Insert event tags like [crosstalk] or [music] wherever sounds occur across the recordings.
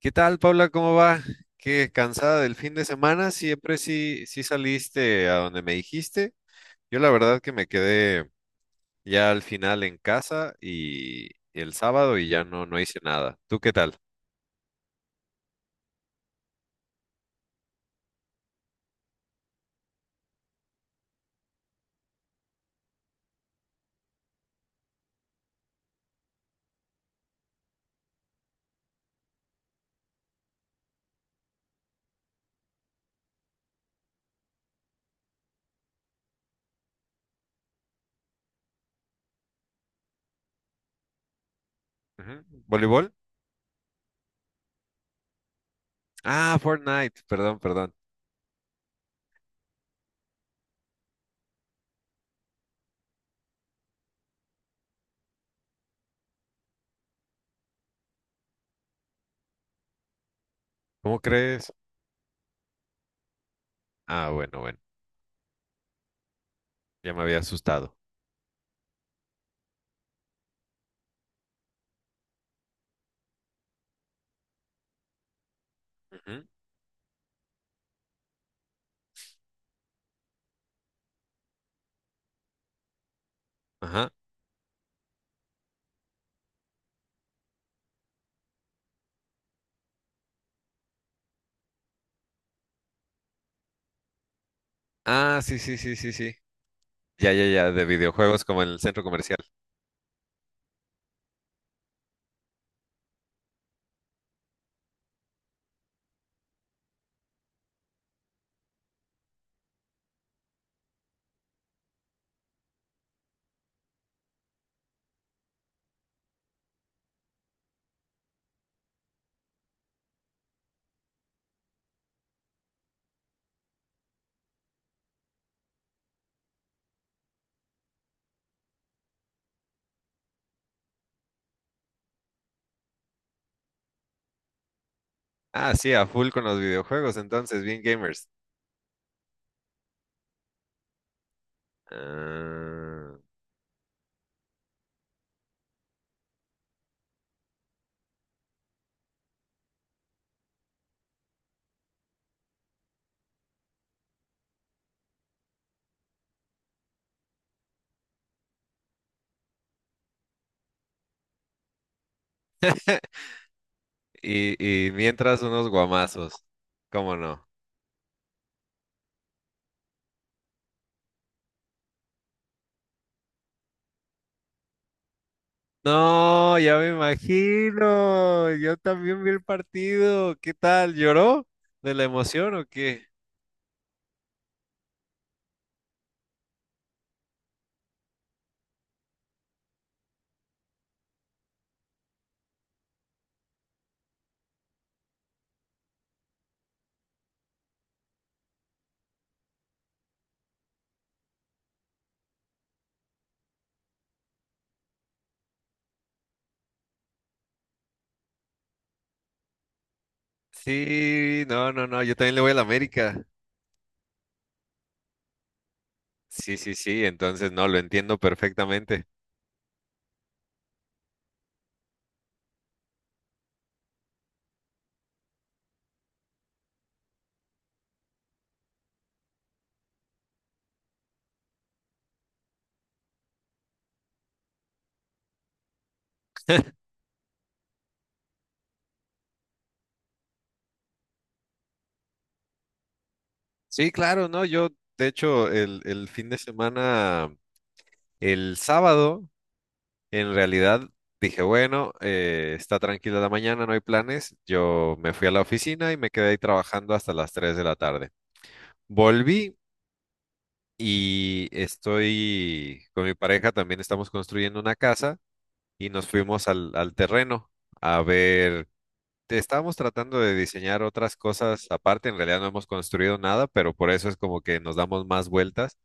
¿Qué tal, Paula? ¿Cómo va? ¿Qué cansada del fin de semana? Siempre sí, sí saliste a donde me dijiste. Yo la verdad que me quedé ya al final en casa y el sábado y ya no, no hice nada. ¿Tú qué tal? Ujú. ¿Voleibol? Ah, Fortnite. Perdón, perdón. ¿Cómo crees? Ah, bueno, bueno. Ya me había asustado. Ujú. Ajá. Ah, sí, sí, sí, sí, sí. Ya, ya, ya, de videojuegos como en el centro comercial. Ah, sí, a full con los videojuegos, entonces, bien gamers. Ah. [laughs] Y, y mientras unos guamazos, ¿cómo no? No, ya me imagino. Yo también vi el partido. ¿Qué tal? ¿Lloró de la emoción o qué? Sí, no, no, no. Yo también le voy a la América. Sí, sí, sí. Entonces, no, lo entiendo perfectamente. [laughs] Sí, claro, no. Yo, de hecho, el fin de semana, el sábado. En realidad dije, bueno, está tranquila la mañana, no hay planes. Yo me fui a la oficina y me quedé ahí trabajando hasta las 3 de la tarde. Volví y estoy con mi pareja, también estamos construyendo una casa y nos fuimos al terreno a ver. Estábamos tratando de diseñar otras cosas aparte, en realidad no hemos construido nada, pero por eso es como que nos damos más vueltas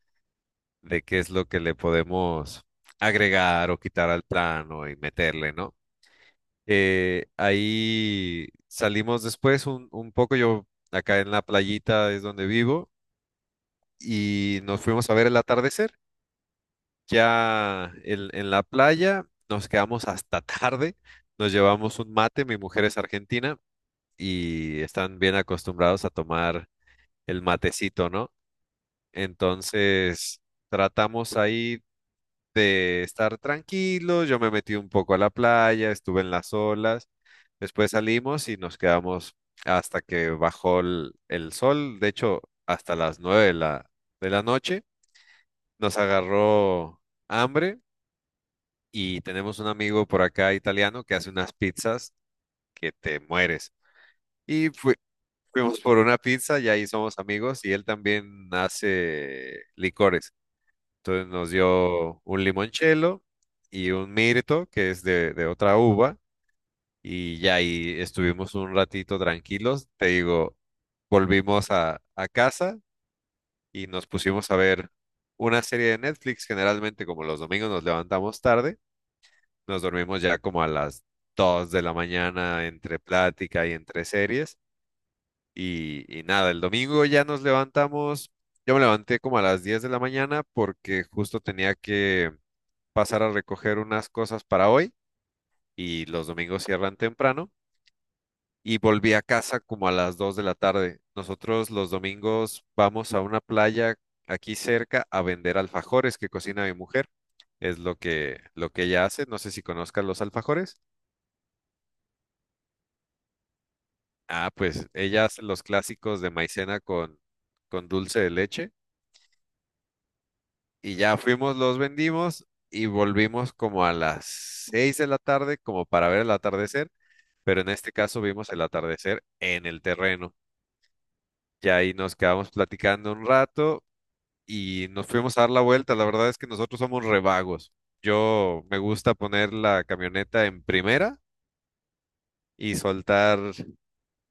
de qué es lo que le podemos agregar o quitar al plano y meterle, ¿no? Ahí salimos después un poco, yo acá en la playita es donde vivo, y nos fuimos a ver el atardecer. Ya en la playa nos quedamos hasta [laughs] tarde, nos llevamos un mate, mi mujer es argentina y están bien acostumbrados a tomar el matecito, ¿no? Entonces tratamos ahí de estar tranquilos, yo me metí un poco a la playa, estuve en las olas. Después salimos y nos quedamos hasta que bajó el sol. De hecho, hasta las 9 de la noche nos agarró hambre y tenemos un amigo por acá italiano que hace unas pizzas que te mueres. Y fui- Fuimos por una pizza y ahí somos amigos y él también hace licores. Entonces nos dio un limoncello y un mirto que es de otra uva y ya ahí estuvimos un ratito tranquilos. Te digo, volvimos a casa y nos pusimos a ver una serie de Netflix. Generalmente, como los domingos nos levantamos tarde, nos dormimos ya como a las 2 de la mañana entre plática y entre series. Y nada, el domingo ya nos levantamos. Yo me levanté como a las 10 de la mañana porque justo tenía que pasar a recoger unas cosas para hoy y los domingos cierran temprano. Y volví a casa como a las 2 de la tarde. Nosotros los domingos vamos a una playa aquí cerca a vender alfajores que cocina mi mujer. Es lo que ella hace. No sé si conozcas los alfajores. Ah, pues ella hace los clásicos de maicena con dulce de leche. Y ya fuimos, los vendimos y volvimos como a las 6 de la tarde, como para ver el atardecer. Pero en este caso vimos el atardecer en el terreno. Ya ahí nos quedamos platicando un rato y nos fuimos a dar la vuelta. La verdad es que nosotros somos revagos. Yo me gusta poner la camioneta en primera y soltar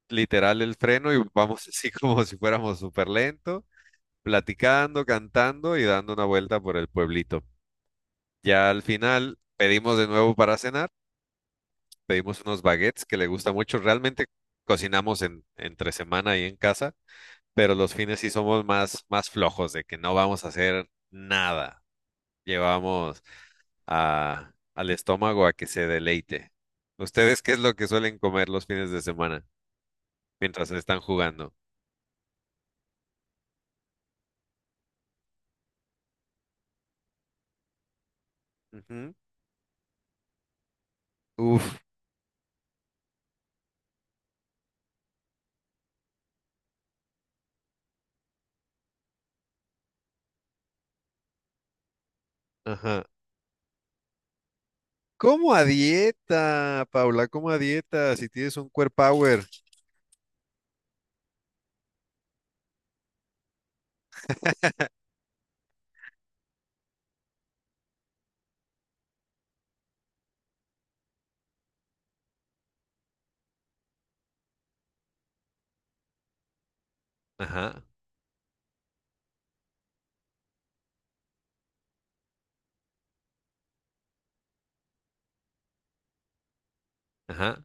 literal el freno y vamos [laughs] así como si fuéramos súper lento, platicando, cantando y dando una vuelta por el pueblito. Ya al final pedimos de nuevo para cenar, pedimos unos baguettes que le gusta mucho. Realmente cocinamos en, entre semana y en casa, pero los fines sí somos más, más flojos de que no vamos a hacer nada. Llevamos a, al estómago a que se deleite. ¿Ustedes qué es lo que suelen comer los fines de semana mientras están jugando? Ujú. Uf, ajá. ¿Cómo a dieta, Paula? ¿Cómo a dieta? Si tienes un core power. Ajá, ajá.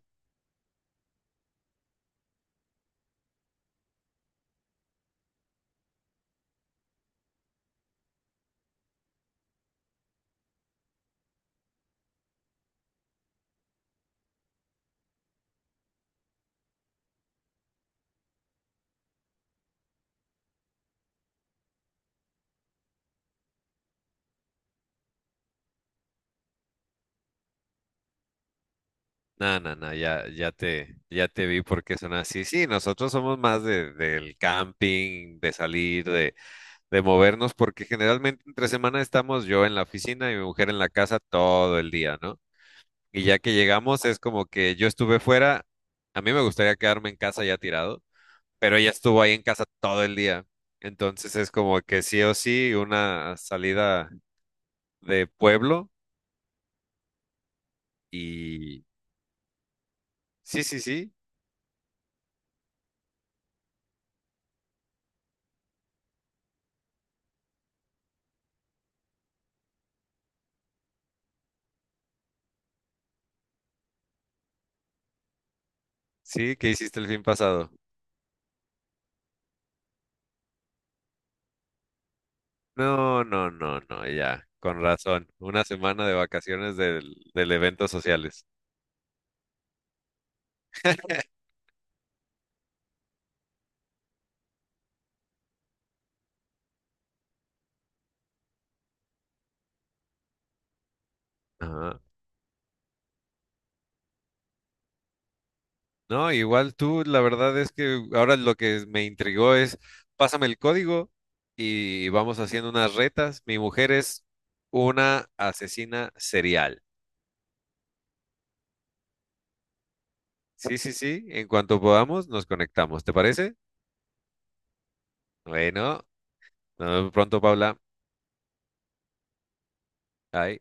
No, no, no, ya, ya te vi porque son así. Sí, nosotros somos más de, del camping, de salir, de movernos, porque generalmente entre semana estamos yo en la oficina y mi mujer en la casa todo el día, ¿no? Y ya que llegamos, es como que yo estuve fuera, a mí me gustaría quedarme en casa ya tirado, pero ella estuvo ahí en casa todo el día. Entonces es como que sí o sí una salida de pueblo y... Sí, sí, sí, sí, ¿qué hiciste el fin pasado? No, no, no, no, ya, con razón. Una semana de vacaciones del, del eventos sociales. Ajá. No, igual tú, la verdad es que ahora lo que me intrigó es, pásame el código y vamos haciendo unas retas. Mi mujer es una asesina serial. Sí, sí, sí, en cuanto podamos nos conectamos, ¿te parece? Bueno, nos vemos pronto, Paula. Bye.